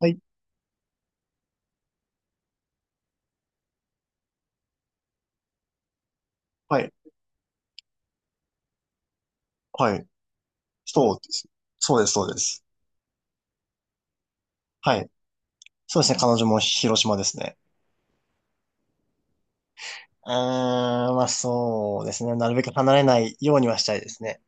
はい、はい、はい。そうです。そうです、そうです。はい。そうですね、彼女も広島ですね。まあそうですね。なるべく離れないようにはしたいですね。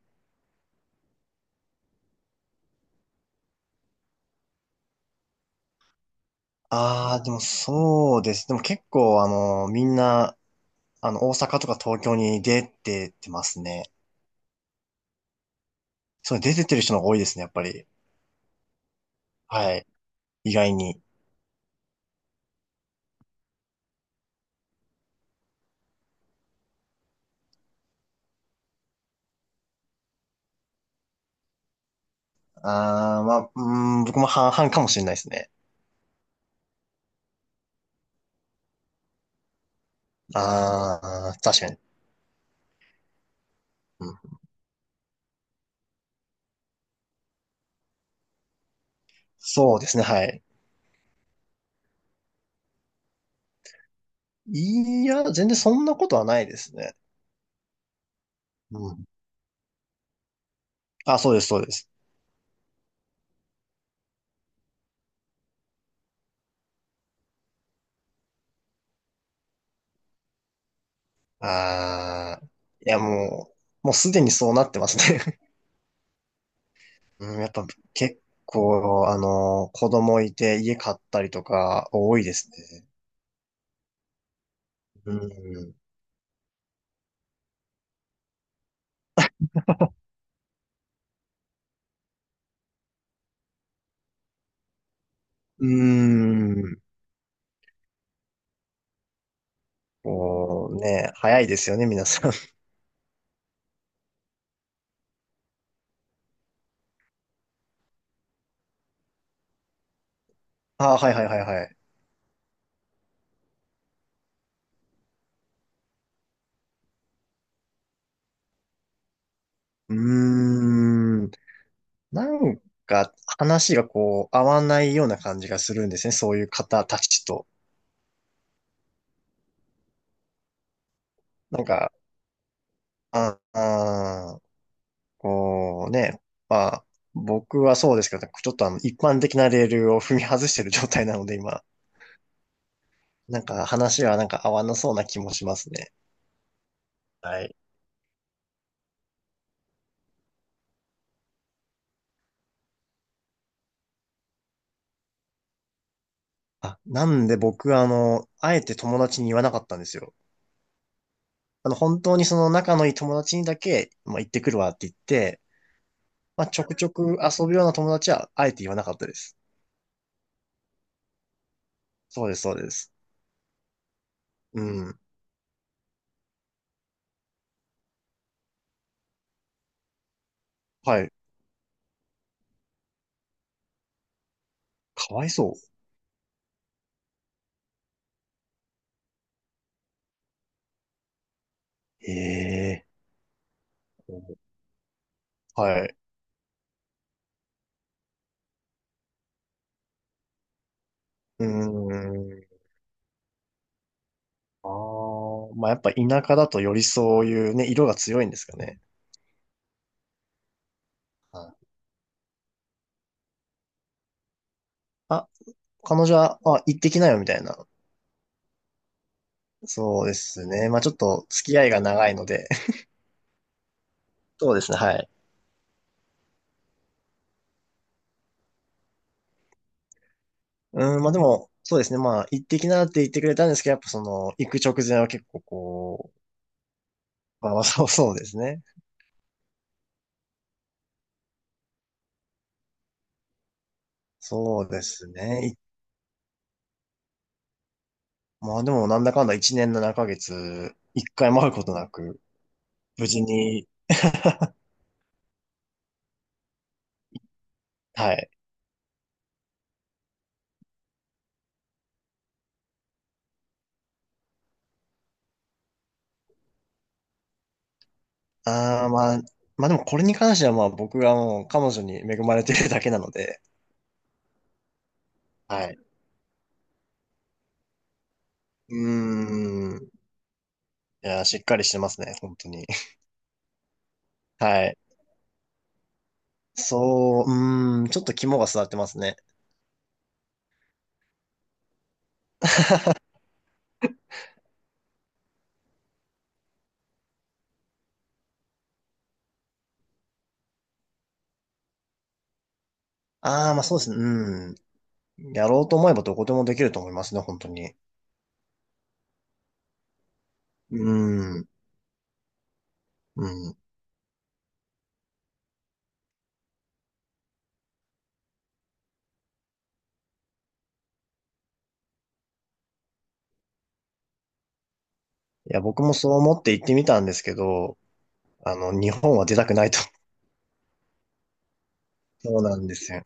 ああ、でもそうです。でも結構、みんな、大阪とか東京に出てってますね。そう、出てってる人の方が多いですね、やっぱり。はい。意外に。ああ、まあ、僕も半々かもしれないですね。ああ、確かに。うん、そうですね、はい。いや、全然そんなことはないですね。うん。あ、そうです、そうです。あー、いや、もうすでにそうなってますね。うん、やっぱ結構、子供いて家買ったりとか多いですね。うん。うーん。こうね、早いですよね、皆さん。あ、はいはいはいはい。うーん。なんか話がこう合わないような感じがするんですね、そういう方たちと。なんか、ああこうね、まあ、僕はそうですけど、ちょっと一般的なレールを踏み外してる状態なので、今、なんか話はなんか合わなそうな気もしますね。はい。あ、なんで僕はあえて友達に言わなかったんですよ。本当にその仲のいい友達にだけ、まあ、行ってくるわって言って、まあ、ちょくちょく遊ぶような友達は、あえて言わなかったです。そうです、そうです。うん。はい。かわいそう。ええ。はい。うーん。ああ、まあやっぱ田舎だとよりそういうね、色が強いんですかね。はい。あ、彼女は、あ、行ってきなよみたいな。そうですね。まあちょっと付き合いが長いので。そうですね、はい。うん、まあでも、そうですね。まあ行ってきなって言ってくれたんですけど、やっぱその、行く直前は結構こう、まあまあそう そうですね。そうですね。い、まあでもなんだかんだ1年7ヶ月、1回も会うことなく、無事に、はい。ああ、まあ、まあでもこれに関してはまあ僕がもう彼女に恵まれてるだけなので、はい。うーん。いや、しっかりしてますね、本当に。はい。そう、うーん、ちょっと肝が据わってますね。ああ、まあそうですね、うん。やろうと思えばどこでもできると思いますね、本当に。うん、うん。いや、僕もそう思って行ってみたんですけど、日本は出たくないと。そうなんですよ。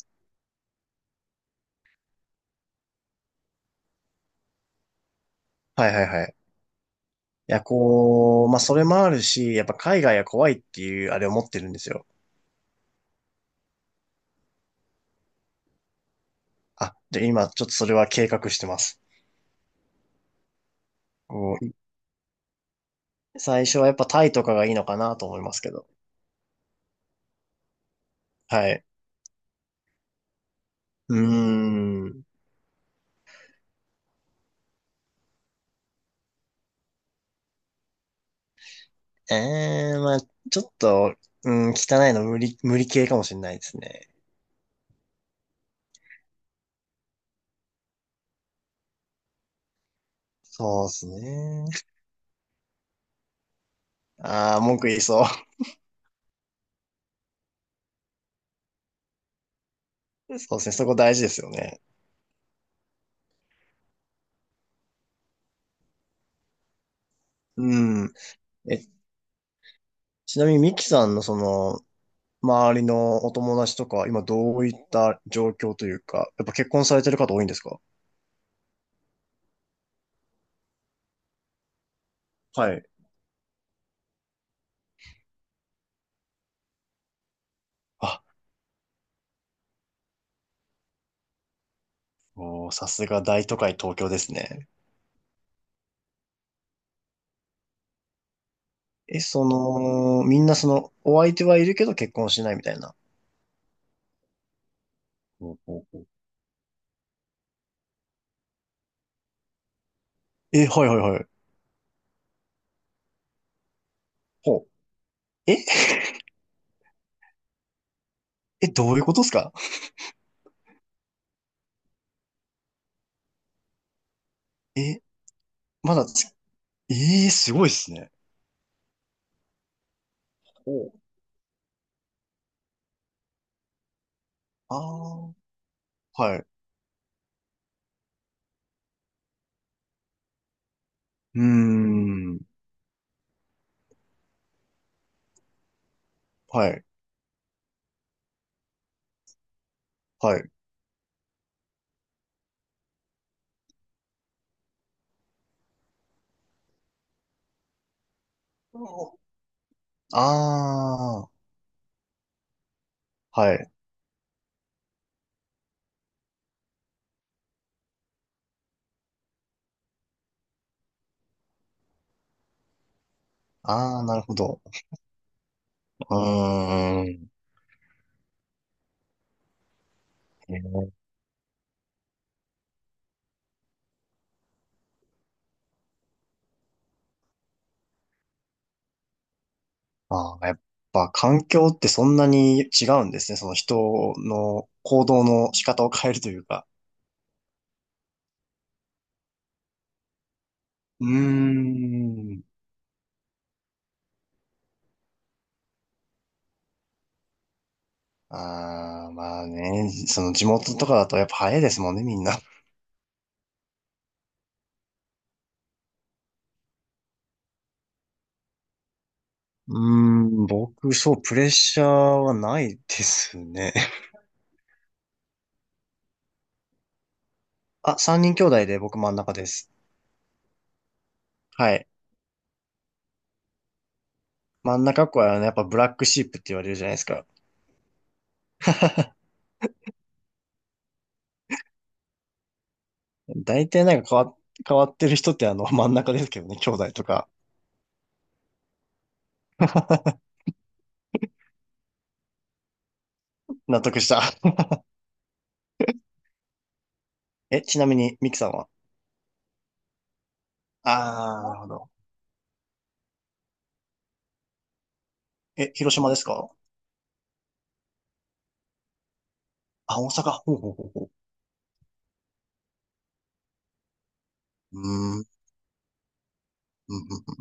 はいはいはい。いや、こう、まあそれもあるし、やっぱ海外は怖いっていうあれを持ってるんですよ。あ、で、今ちょっとそれは計画してます。もう最初はやっぱタイとかがいいのかなと思いますけど。はい。うーん。ええ、まあ、ちょっと、うん、汚いの無理、無理系かもしれないですね。そうですね。ああ、文句言いそう。そうですね、そこ大事ですよね。うん。え、ちなみにミキさんのその、周りのお友達とか、今どういった状況というか、やっぱ結婚されてる方多いんですか？はい。あ、おー、さすが大都会東京ですね。え、その、みんなその、お相手はいるけど結婚しないみたいな。ほうほうほう。え、はいはいはい。ほう。え、え、どういうことですか？え、まだつ、え、えすごいですね。ほう。ああ、はい。うーん。はい。はい。ああ、はい。ああ、なるほど。うーん。えー、ああ、やっぱ環境ってそんなに違うんですね。その人の行動の仕方を変えるというか。うーん。ああ、まあね、その地元とかだとやっぱ早いですもんね、みんな。うー僕、そう、プレッシャーはないですね。あ、三人兄弟で僕真ん中です。はい。真ん中っ子はね、やっぱブラックシープって言われるじゃないですか。大体なんか変わっ、変わってる人って真ん中ですけどね、兄弟とか。納得した。え、ちなみに、ミキさんはああなるほど。え、広島ですか？あ、大阪。ほうほうほうほう。うーん。うんうん